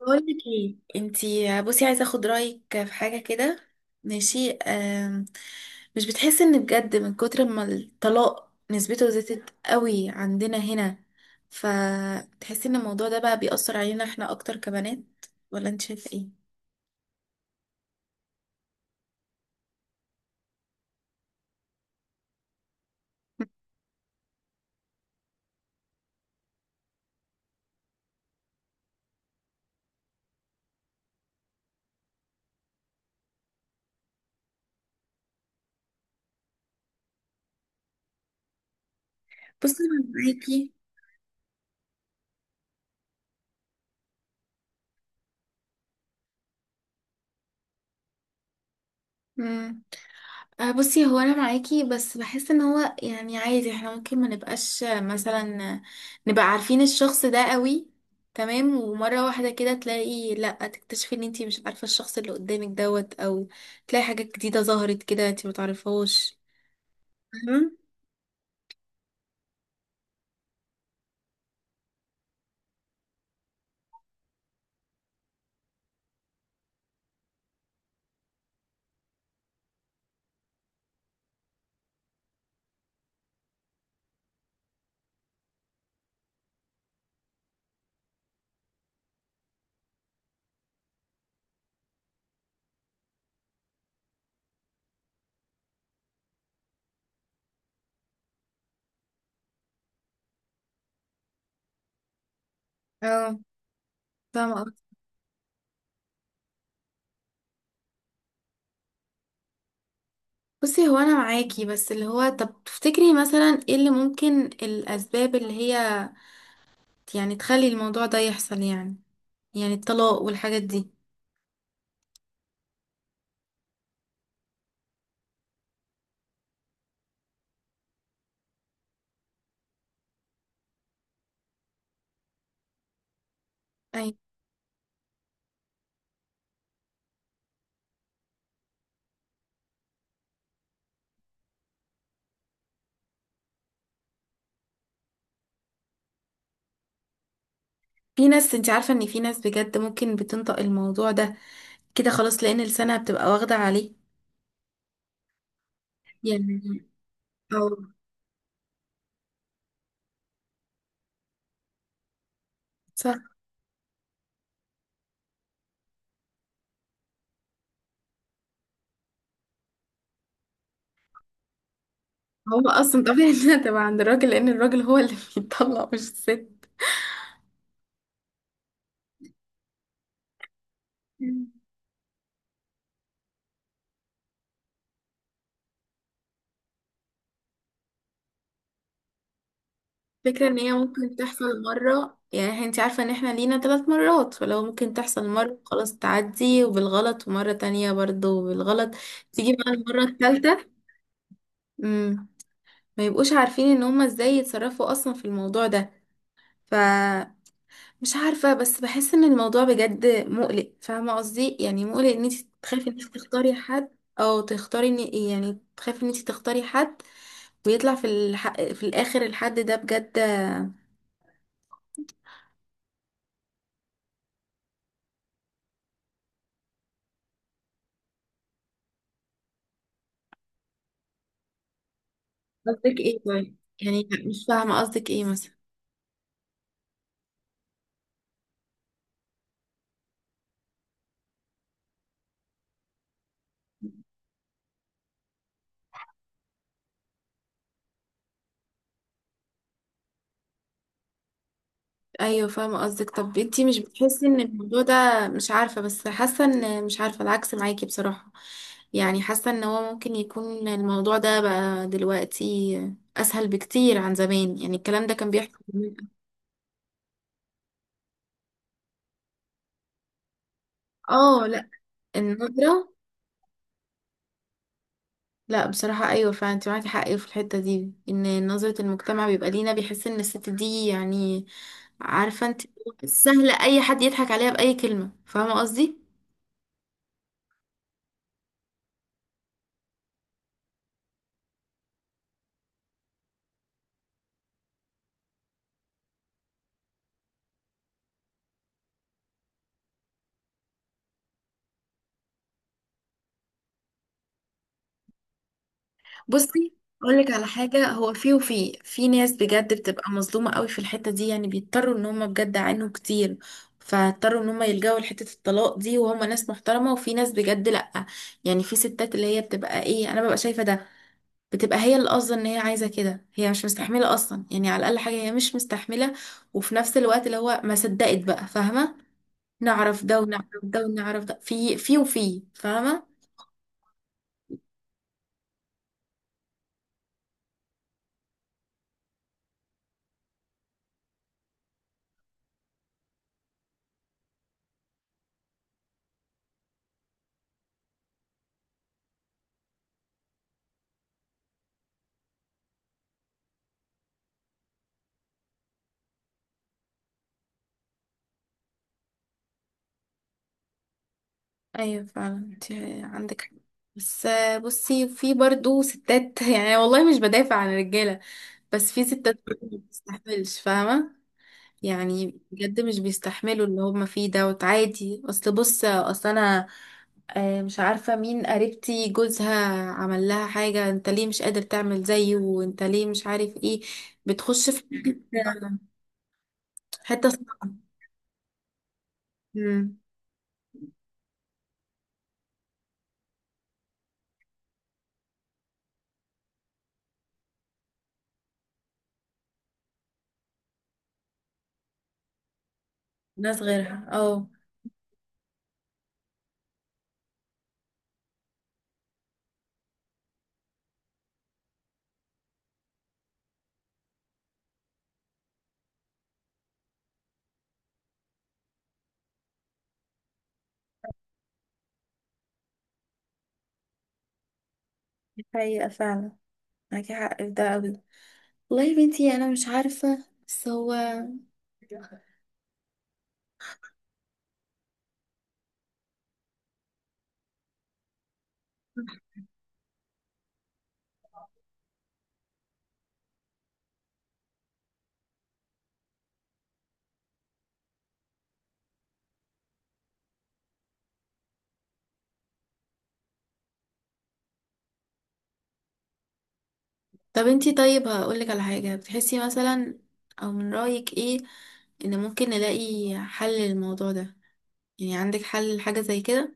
بقول لك ايه؟ انتي بصي، عايزه اخد رايك في حاجه كده. ماشي. مش بتحسي ان بجد من كتر ما الطلاق نسبته زادت قوي عندنا هنا؟ فتحسي ان الموضوع ده بقى بيأثر علينا احنا اكتر كبنات، ولا انت شايفه ايه؟ بصي انا معاكي. بصي هو انا معاكي بس بحس ان هو، يعني عادي احنا ممكن ما نبقاش، مثلا، نبقى عارفين الشخص ده قوي. تمام، ومرة واحدة كده تلاقي، لا تكتشفي ان انتي مش عارفة الشخص اللي قدامك دوت، او تلاقي حاجات جديدة ظهرت كده انتي ما تعرفهاش. فاهمة؟ اه، فاهمة قصدي. بصي هو انا معاكي، بس اللي هو طب تفتكري مثلا ايه اللي ممكن، الاسباب اللي هي يعني تخلي الموضوع ده يحصل؟ يعني الطلاق والحاجات دي. في ناس، انت عارفة ان في ناس بجد ممكن بتنطق الموضوع ده كده خلاص، لان لسانها بتبقى واخدة عليه، يعني، او صح. هو اصلا طبيعي انها تبقى عند الراجل، لان الراجل هو اللي بيطلق مش الست. مم. فكرة ان هي ممكن تحصل مرة، يعني انت عارفة ان احنا لينا ثلاث مرات، فلو ممكن تحصل مرة خلاص، تعدي وبالغلط، ومرة تانية برضو بالغلط، تيجي بقى المرة الثالثة. امم ما يبقوش عارفين ان هما ازاي يتصرفوا اصلا في الموضوع ده. ف مش عارفة، بس بحس ان الموضوع بجد مقلق، فاهمة قصدي؟ يعني مقلق ان انت تخافي ان انت تختاري حد، او تختاري ان، يعني تخافي ان انت تختاري حد، ويطلع في الاخر الحد ده بجد. قصدك ايه طيب؟ يعني مش فاهمة قصدك ايه مثلا. ايوه، فاهمة قصدك. طب انت مش بتحسي ان الموضوع ده، مش عارفة، بس حاسة ان، مش عارفة، العكس معاكي بصراحة. يعني حاسة ان هو ممكن يكون الموضوع ده بقى دلوقتي اسهل بكتير عن زمان، يعني الكلام ده كان بيحصل. اه، لا. النظرة. لا بصراحة، أيوة فعلا انت معاكي حق في الحتة دي، ان نظرة المجتمع بيبقى لينا، بيحس ان الست دي يعني، عارفة انت، سهلة، أي حد يضحك عليها بأي كلمة، فاهمة قصدي؟ بصي، أقولك على حاجة. هو في ناس بجد بتبقى مظلومة قوي في الحتة دي، يعني بيضطروا ان هم بجد عانوا كتير، فاضطروا ان هم يلجأوا لحتة الطلاق دي، وهم ناس محترمة. وفي ناس بجد لأ، يعني في ستات اللي هي بتبقى ايه، انا ببقى شايفة ده، بتبقى هي اللي قاصده ان هي عايزه كده، هي مش مستحمله اصلا، يعني على الاقل حاجه هي مش مستحمله، وفي نفس الوقت اللي هو ما صدقت بقى، فاهمه، نعرف ده ونعرف ده ونعرف ده، في فاهمه. ايوه فعلا، انت عندك حق. بس بصي في برضو ستات يعني والله مش بدافع عن الرجاله، بس في ستات برضو ما بتستحملش، فاهمه. يعني بجد مش بيستحملوا اللي هم فيه دوت عادي. اصل انا مش عارفة مين، قريبتي جوزها عمل لها حاجة، انت ليه مش قادر تعمل زيه، وانت ليه مش عارف ايه. بتخش في حتة، حتة صعبة. مم. ناس غيرها، اه. دي حقيقة فعلا. معاكي حق في ده قوي. والله يا بنتي انا مش عارفة، بس هو. طب انتي، طيب، هقولك على حاجة. بتحسي مثلا، او من رأيك ايه، ان ممكن نلاقي حل للموضوع ده؟ يعني عندك حل لحاجة زي كده؟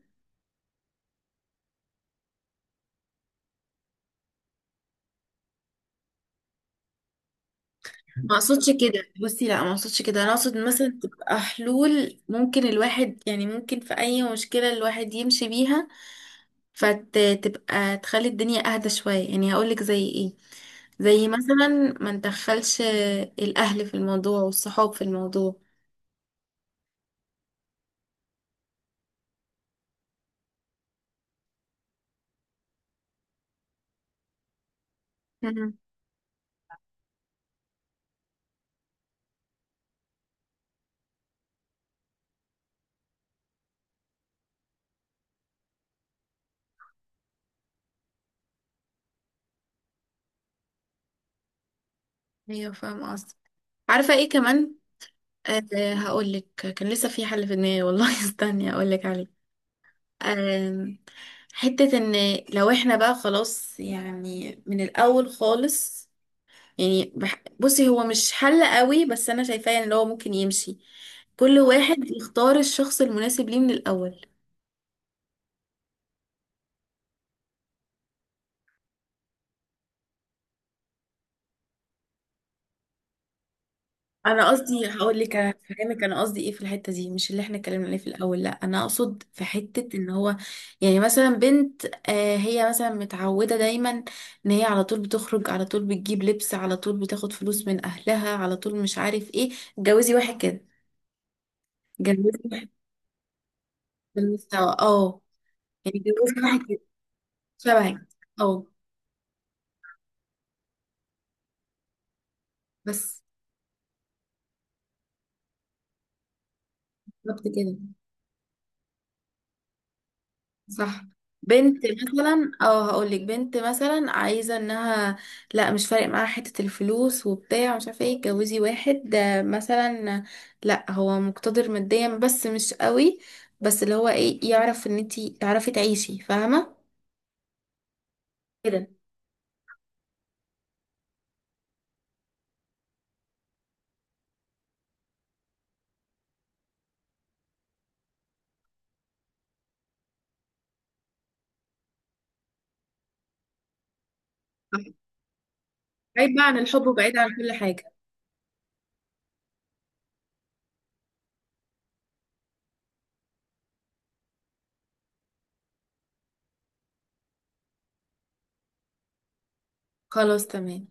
ما اقصدش كده. بصي لا، ما اقصدش كده، انا اقصد مثلا تبقى حلول، ممكن الواحد يعني، ممكن في اي مشكلة الواحد يمشي بيها، فتبقى تخلي الدنيا اهدى شوية. يعني هقولك زي ايه، زي مثلا، ما ندخلش الاهل في الموضوع والصحاب في الموضوع. مم. ايوه فاهمة قصدي. عارفة ايه كمان؟ أه هقولك. كان لسه في حل في دماغي، والله استني هقولك عليه. آم، حتة ان لو احنا بقى خلاص، يعني من الاول خالص، يعني بصي هو مش حل قوي بس انا شايفاه ان هو ممكن يمشي، كل واحد يختار الشخص المناسب ليه من الاول. انا قصدي هقول لك، انا فاهمك، انا قصدي ايه في الحته دي، مش اللي احنا اتكلمنا عليه في الاول، لا انا اقصد في حته ان هو، يعني مثلا بنت، آه، هي مثلا متعوده دايما ان هي على طول بتخرج، على طول بتجيب لبس، على طول بتاخد فلوس من اهلها، على طول مش عارف ايه. اتجوزي واحد كده. اتجوزي واحد بالمستوى، اه. يعني اتجوزي واحد كده شبهك. اه بس، بالظبط كده. صح. بنت مثلا، او هقولك، بنت مثلا عايزه انها، لا مش فارق معاها حته الفلوس وبتاع مش عارفه ايه، اتجوزي واحد، مثلا لا هو مقتدر ماديا بس مش قوي، بس اللي هو ايه، يعرف ان انتي تعرفي تعيشي، فاهمه، كده. بعيد بقى عن الحب، وبعيد عن كل حاجه. خلاص تمام.